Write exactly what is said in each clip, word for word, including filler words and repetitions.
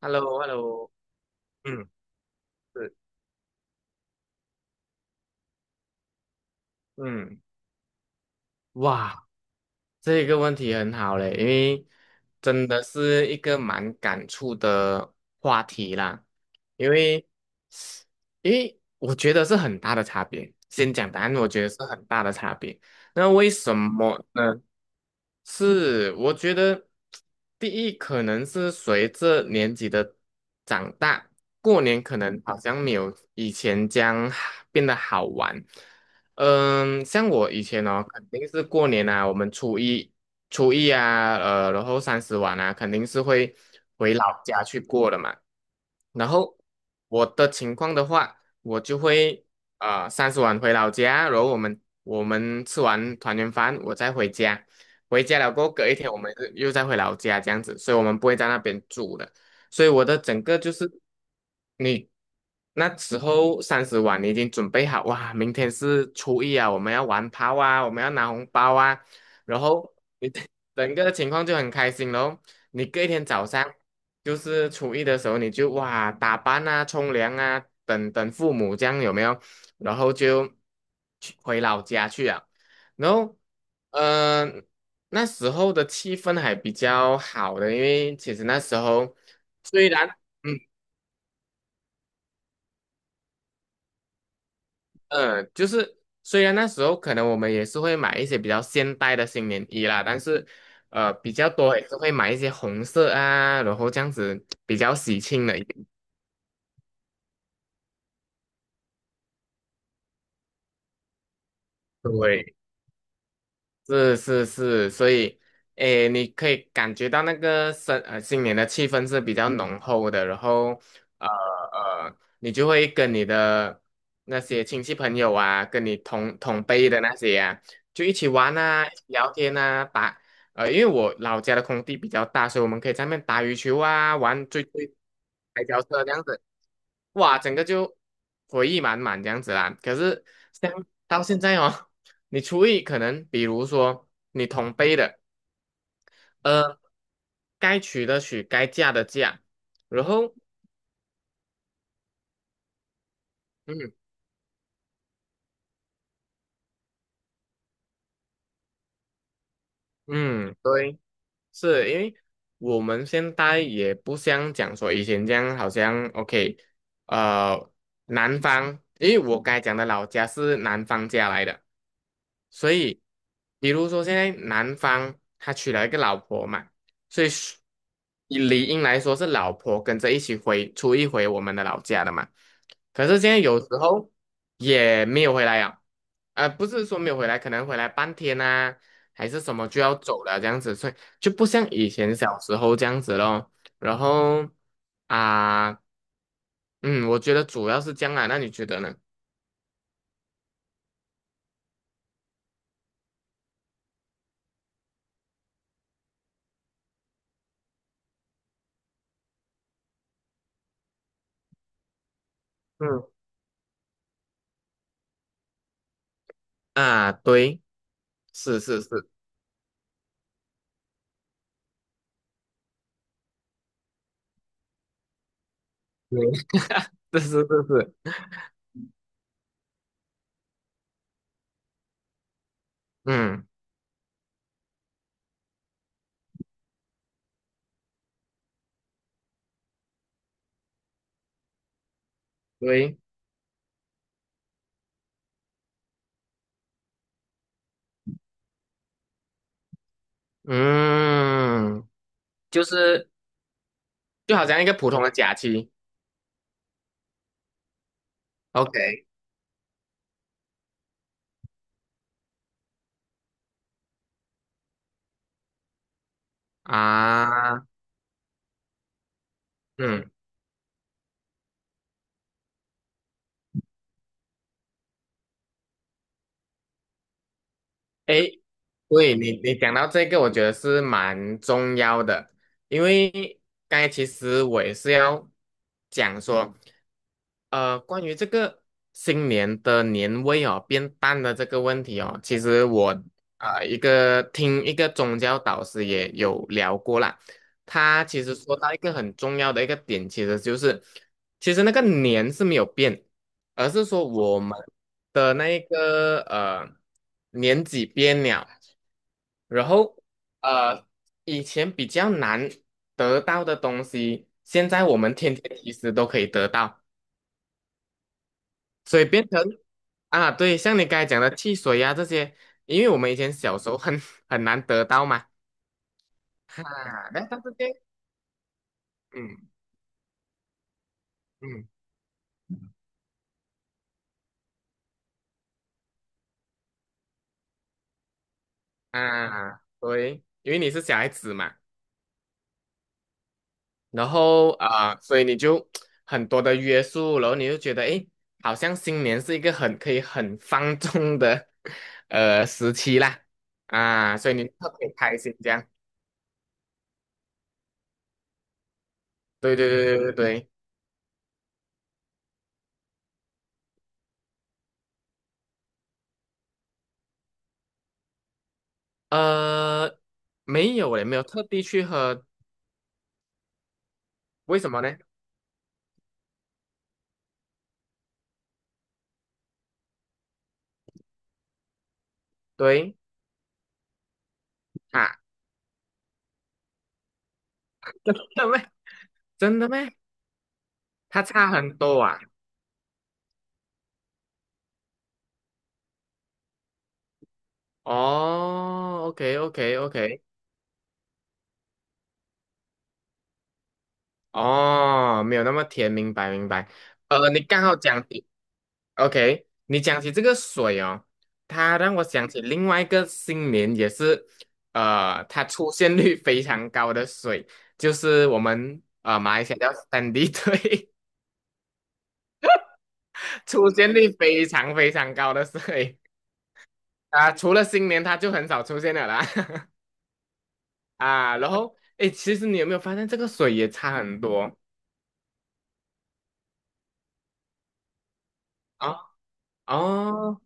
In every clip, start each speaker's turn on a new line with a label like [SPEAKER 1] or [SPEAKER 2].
[SPEAKER 1] Hello,Hello,嗯，是，嗯，哇，这个问题很好嘞。因为真的是一个蛮感触的话题啦。因为，因为我觉得是很大的差别。先讲答案，我觉得是很大的差别。那为什么呢？是，我觉得第一可能是随着年纪的长大，过年可能好像没有以前这样变得好玩。嗯，像我以前哦，肯定是过年啊，我们初一、初一啊，呃，然后三十晚啊，肯定是会回老家去过的嘛。然后我的情况的话，我就会呃三十晚回老家，然后我们我们吃完团圆饭，我再回家。回家了过后，隔一天我们是又再回老家这样子，所以我们不会在那边住了。所以我的整个就是你那时候三十晚，你已经准备好哇，明天是初一啊，我们要玩炮啊，我们要拿红包啊，然后整个情况就很开心咯。你隔一天早上，就是初一的时候，你就哇打扮啊、冲凉啊，等等父母这样有没有？然后就去回老家去啊。然后，嗯、呃那时候的气氛还比较好的。因为其实那时候虽然嗯呃，就是虽然那时候可能我们也是会买一些比较现代的新年衣啦，但是呃比较多也是会买一些红色啊，然后这样子比较喜庆的一点。对，是是是，所以，诶，你可以感觉到那个生呃新年的气氛是比较浓嗯厚的。然后，呃呃，你就会跟你的那些亲戚朋友啊，跟你同同辈的那些啊，就一起玩啊，一起聊天啊，打，呃，因为我老家的空地比较大，所以我们可以在那边打羽球啊，玩追追台球车这样子。哇，整个就回忆满满这样子啦。可是像到现在哦，你厨艺可能，比如说你同辈的，呃，该娶的娶，该嫁的嫁。然后，嗯嗯，对。是因为我们现在也不像讲说以前这样，好像 OK，呃，南方，因为我刚才讲的老家是南方家来的。所以比如说现在南方他娶了一个老婆嘛，所以是以理应来说是老婆跟着一起回出一回我们的老家的嘛。可是现在有时候也没有回来啊，呃，不是说没有回来，可能回来半天啊，还是什么就要走了这样子，所以。就不像以前小时候这样子咯。然后啊，嗯，我觉得主要是这样啊，那你觉得呢？嗯，啊，对，是是是，对，是是是是，嗯，对，嗯，就是就好像一个普通的假期，OK，啊，嗯，诶，对你你讲到这个，我觉得是蛮重要的。因为刚才其实我也是要讲说。呃，关于这个新年的年味哦变淡的这个问题哦，其实我啊、呃一个听一个宗教导师也有聊过啦。他其实说到一个很重要的一个点，其实就是其实那个年是没有变，而是说我们的那一个呃年纪变了。然后呃以前比较难得到的东西，现在我们天天其实都可以得到。所以变成啊，对，像你刚才讲的汽水呀、这些，因为我们以前小时候很 很难得到嘛。啊，来，但是这样，嗯嗯啊，对，因为你是小孩子嘛。然后啊、呃所以你就很多的约束，然后你就觉得，诶，好像新年是一个很可以很放纵的 呃时期啦。啊，所以你特别开心这样，对对对对对对，呃，没有嘞，没有特地去喝。为什么呢？对。啊，真的咩？真的咩？它差很多啊。哦，OK OK OK，哦，没有那么甜，明白明白。呃，你刚好讲起，OK，你讲起这个水哦，它让我想起另外一个新年也是，呃，它出现率非常高的水，就是我们呃马来西亚叫三 D 水。出现率非常非常高的水。啊、除了新年它就很少出现了啦。啊，然后哎，诶其实你有没有发现这个水也差很多啊？哦，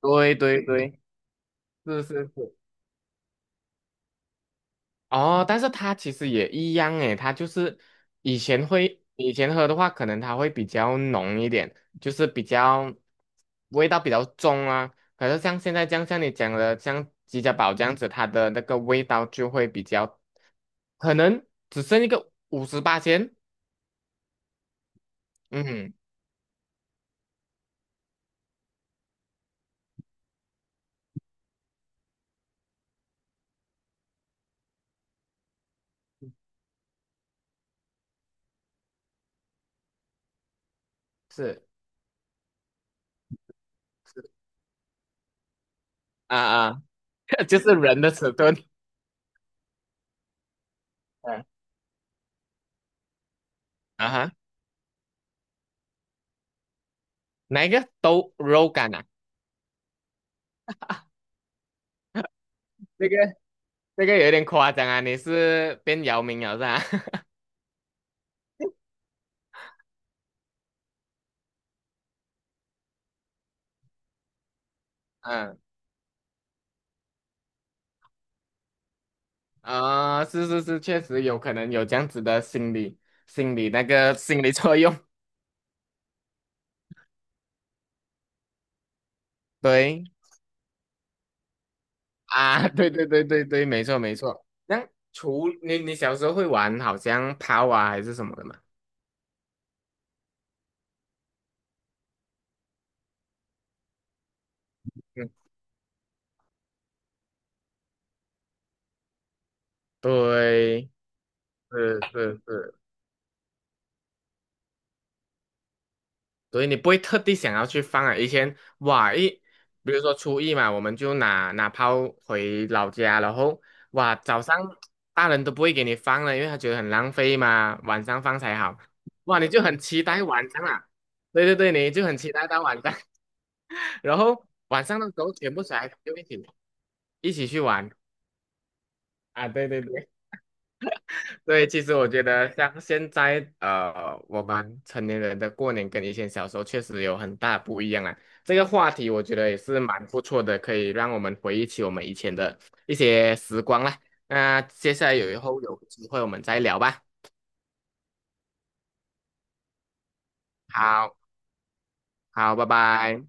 [SPEAKER 1] 对对对，是是是，哦，但是它其实也一样诶。它就是以前会以前喝的话，可能它会比较浓一点，就是比较味道比较重啊。可是像现在这样，像你讲的，像吉家宝这样子，它的那个味道就会比较，可能只剩一个五十八千。嗯，是啊啊，就是人的尺寸，嗯啊哈。哪一个都肉感啊？这个这个有点夸张啊！你是变姚明了是吧？嗯啊、呃是是是，确实有可能有这样子的心理心理那个心理作用。对啊，对对对对对，没错没错。那除你你小时候会玩好像抛啊还是什么的嘛？嗯，对，是是是。所以你不会特地想要去放啊。以前哇一，比如说初一嘛，我们就拿拿炮回老家，然后哇早上大人都不会给你放了，因为他觉得很浪费嘛，晚上放才好。哇，你就很期待晚上啊，对对对，你就很期待到晚上，然后晚上的时候全部小孩子就一起一起去玩啊，对对对。对，其实我觉得像现在呃，我们成年人的过年跟以前小时候确实有很大不一样啊。这个话题我觉得也是蛮不错的，可以让我们回忆起我们以前的一些时光啦。那接下来有以后有机会我们再聊吧。好，好，拜拜。